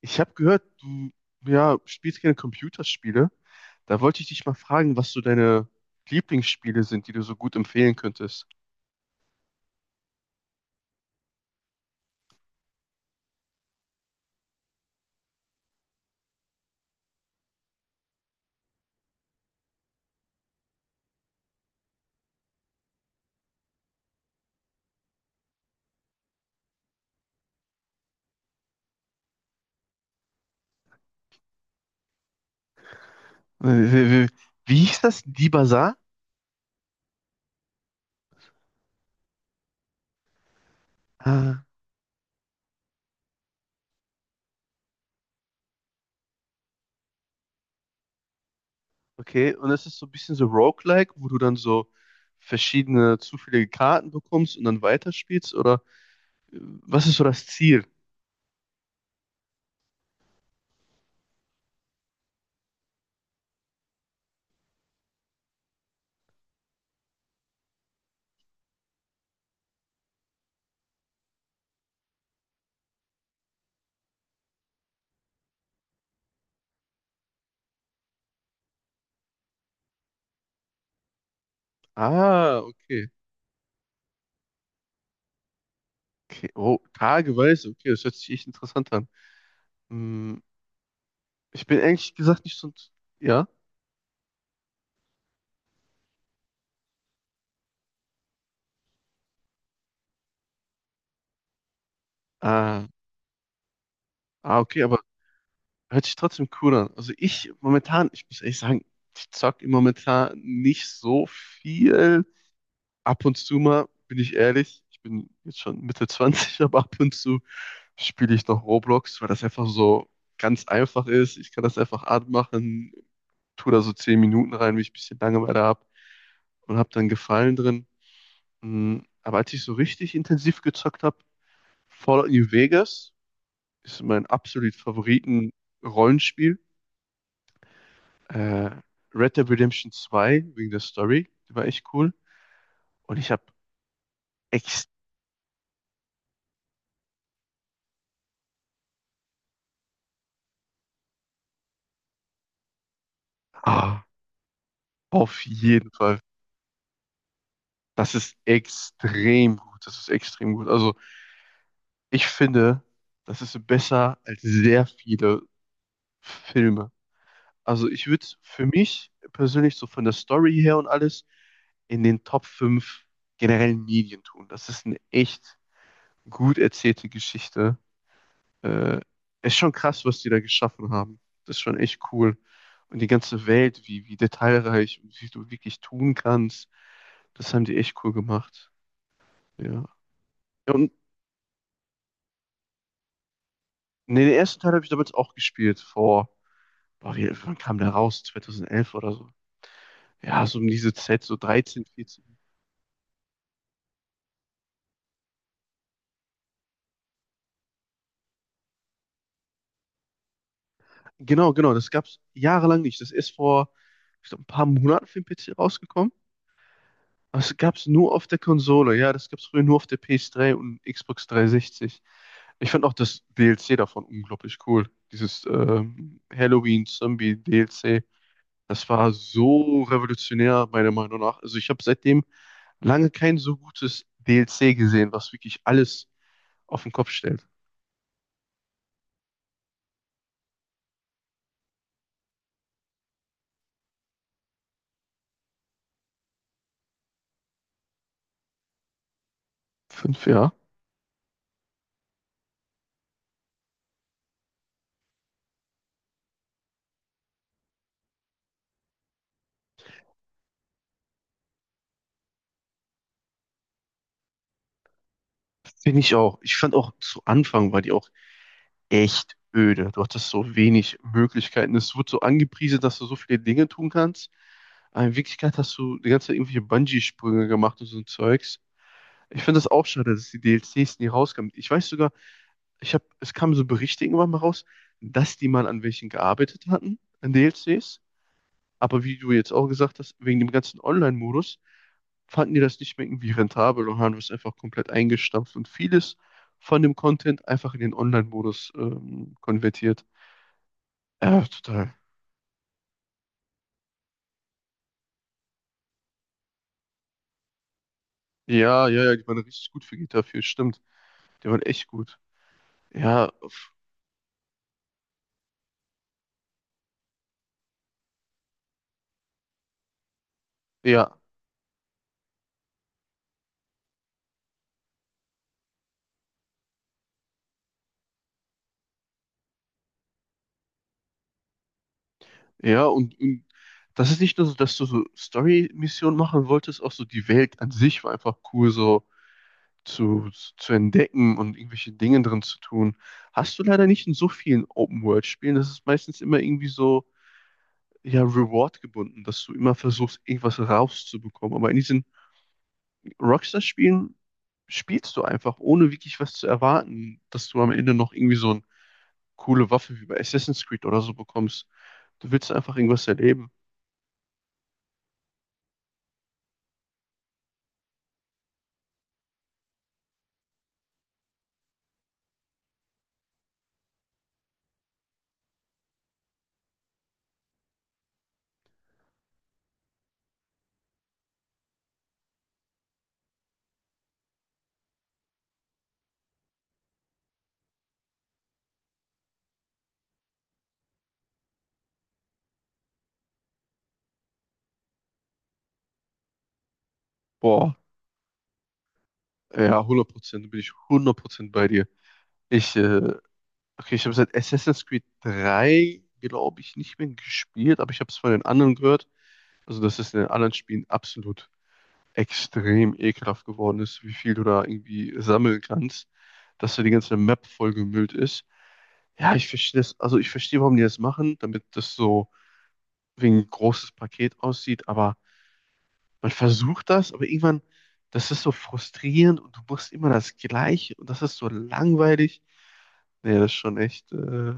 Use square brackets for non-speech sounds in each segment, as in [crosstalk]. Ich habe gehört, du ja, spielst gerne Computerspiele. Da wollte ich dich mal fragen, was so deine Lieblingsspiele sind, die du so gut empfehlen könntest. Äh, Wie, wie, wie hieß das? Die Bazaar? Ah, okay. Und das ist so ein bisschen so Roguelike, wo du dann so verschiedene zufällige Karten bekommst und dann weiterspielst? Oder was ist so das Ziel? Ah, okay. Okay. Oh, tageweise. Okay, das hört sich echt interessant an. Hm, ich bin ehrlich gesagt nicht so ein... Ja? Ah, okay, aber hört sich trotzdem cool an. Also ich momentan, ich muss ehrlich sagen, ich zock im momentan nicht so viel. Ab und zu mal, bin ich ehrlich, ich bin jetzt schon Mitte 20, [laughs] aber ab und zu spiele ich noch Roblox, weil das einfach so ganz einfach ist. Ich kann das einfach anmachen, tue da so 10 Minuten rein, wenn ich ein bisschen Langeweile habe und habe dann Gefallen drin. Mm, aber als ich so richtig intensiv gezockt habe, Fallout New Vegas ist mein absolut Favoriten-Rollenspiel. äh, Red Dead Redemption zwei wegen der Story. Die war echt cool. Und ich habe echt, ah, auf jeden Fall. Das ist extrem gut. Das ist extrem gut. Also ich finde, das ist besser als sehr viele Filme. Also ich würde für mich persönlich so von der Story her und alles in den Top 5 generellen Medien tun. Das ist eine echt gut erzählte Geschichte Äh, Ist schon krass, was die da geschaffen haben. Das ist schon echt cool. Und die ganze Welt, wie detailreich und wie du wirklich tun kannst, das haben die echt cool gemacht. Ja. Ja, und nee, den ersten Teil habe ich damals auch gespielt, vor, wann kam der raus? 2011 oder so. Ja, so um diese Zeit, so 13 14. Genau, genau, das gab es jahrelang nicht. Das ist vor, ich glaub, ein paar Monaten für den PC rausgekommen. Es gab's nur auf der Konsole, ja, das gab's früher nur auf der PS3 und Xbox 360. Ich fand auch das DLC davon unglaublich cool. Dieses Halloween-Zombie-DLC. Das war so revolutionär, meiner Meinung nach. Also ich habe seitdem lange kein so gutes DLC gesehen, was wirklich alles auf den Kopf stellt. Fünf, ja. Finde ich auch. Ich fand auch zu Anfang war die auch echt öde. Du hattest so wenig Möglichkeiten. Es wird so angepriesen, dass du so viele Dinge tun kannst. Aber in Wirklichkeit hast du die ganze Zeit irgendwelche Bungee-Sprünge gemacht und so ein Zeugs. Ich finde das auch schade, dass die DLCs nie rauskamen. Ich weiß sogar, es kamen so Berichte irgendwann mal raus, dass die mal an welchen gearbeitet hatten, an DLCs. Aber wie du jetzt auch gesagt hast, wegen dem ganzen Online-Modus fanden die das nicht mehr irgendwie rentabel und haben das einfach komplett eingestampft und vieles von dem Content einfach in den Online-Modus konvertiert. Ja, total. Ja, ja, ja, die waren richtig gut für GTA 4, stimmt. Die waren echt gut. Ja, f- ja, und das ist nicht nur so, dass du so Story-Missionen machen wolltest, auch so die Welt an sich war einfach cool, so zu, zu entdecken und irgendwelche Dinge drin zu tun. Hast du leider nicht in so vielen Open-World-Spielen. Das ist meistens immer irgendwie so, ja, Reward gebunden, dass du immer versuchst, irgendwas rauszubekommen. Aber in diesen Rockstar-Spielen spielst du einfach, ohne wirklich was zu erwarten, dass du am Ende noch irgendwie so eine coole Waffe wie bei Assassin's Creed oder so bekommst. Du willst einfach irgendwas erleben. Boah, ja, 100%, bin ich 100% bei dir. Ich, äh, okay, ich habe seit Assassin's Creed 3 glaube ich, nicht mehr gespielt, aber ich habe es von den anderen gehört. Also, dass es in den anderen Spielen absolut extrem ekelhaft geworden ist, wie viel du da irgendwie sammeln kannst, dass da die ganze Map vollgemüllt ist. Ja, ich verstehe das. Also ich verstehe, warum die das machen, damit das so wie ein großes Paket aussieht. Aber man versucht das, aber irgendwann, das ist so frustrierend und du machst immer das Gleiche und das ist so langweilig. Nee, das ist schon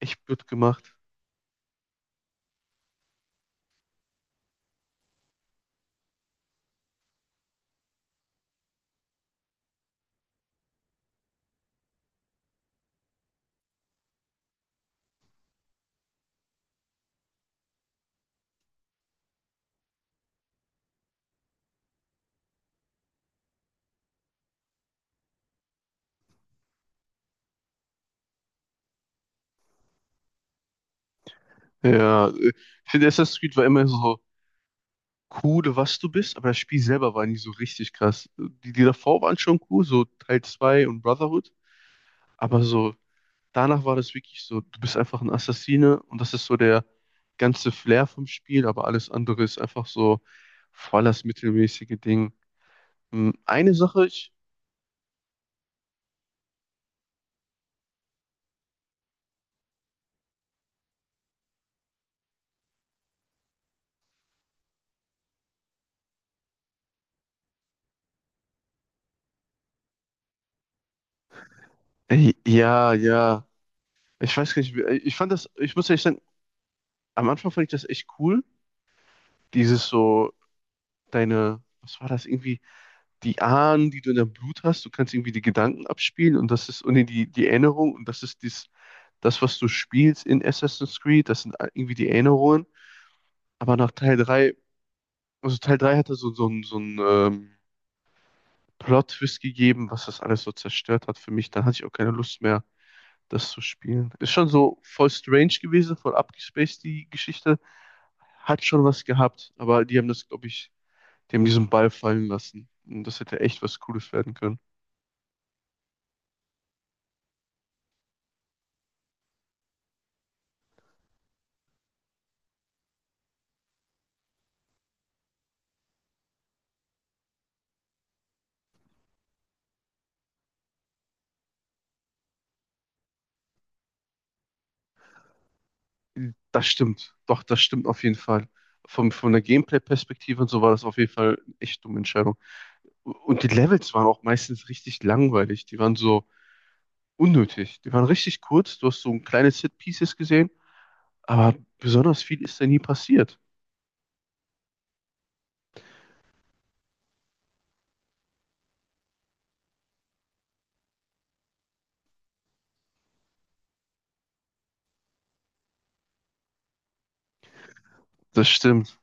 echt blöd gemacht. Ja, äh, ich finde, Assassin's Creed war immer so cool, was du bist, aber das Spiel selber war nie so richtig krass. Die davor waren schon cool, so Teil 2 und Brotherhood, aber so danach war das wirklich so, du bist einfach ein Assassine und das ist so der ganze Flair vom Spiel, aber alles andere ist einfach so voll das mittelmäßige Ding. Hm, Eine Sache, ich, ja, ich weiß gar nicht, ich fand das, ich muss ehrlich sagen, am Anfang fand ich das echt cool, dieses so, deine, was war das, irgendwie die Ahnen, die du in deinem Blut hast, du kannst irgendwie die Gedanken abspielen und das ist, und nee, die Erinnerung und das ist dies, das, was du spielst in Assassin's Creed, das sind irgendwie die Erinnerungen. Aber nach Teil 3 also Teil 3 hatte so, so einen Plot-Twist gegeben, was das alles so zerstört hat für mich. Dann hatte ich auch keine Lust mehr, das zu spielen. Ist schon so voll strange gewesen, voll abgespaced, die Geschichte. Hat schon was gehabt, aber die haben das, glaube ich, die haben diesen Ball fallen lassen. Und das hätte echt was Cooles werden können. Das stimmt. Doch, das stimmt auf jeden Fall. Von der Gameplay-Perspektive und so war das auf jeden Fall eine echt dumme Entscheidung. Und die Levels waren auch meistens richtig langweilig. Die waren so unnötig. Die waren richtig kurz. Du hast so ein kleines Set-Pieces gesehen, aber besonders viel ist da nie passiert. Das stimmt.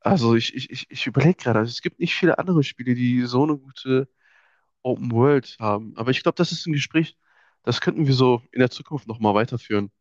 Also ich überlege gerade, also es gibt nicht viele andere Spiele, die so eine gute Open World haben. Aber ich glaube, das ist ein Gespräch, das könnten wir so in der Zukunft nochmal weiterführen.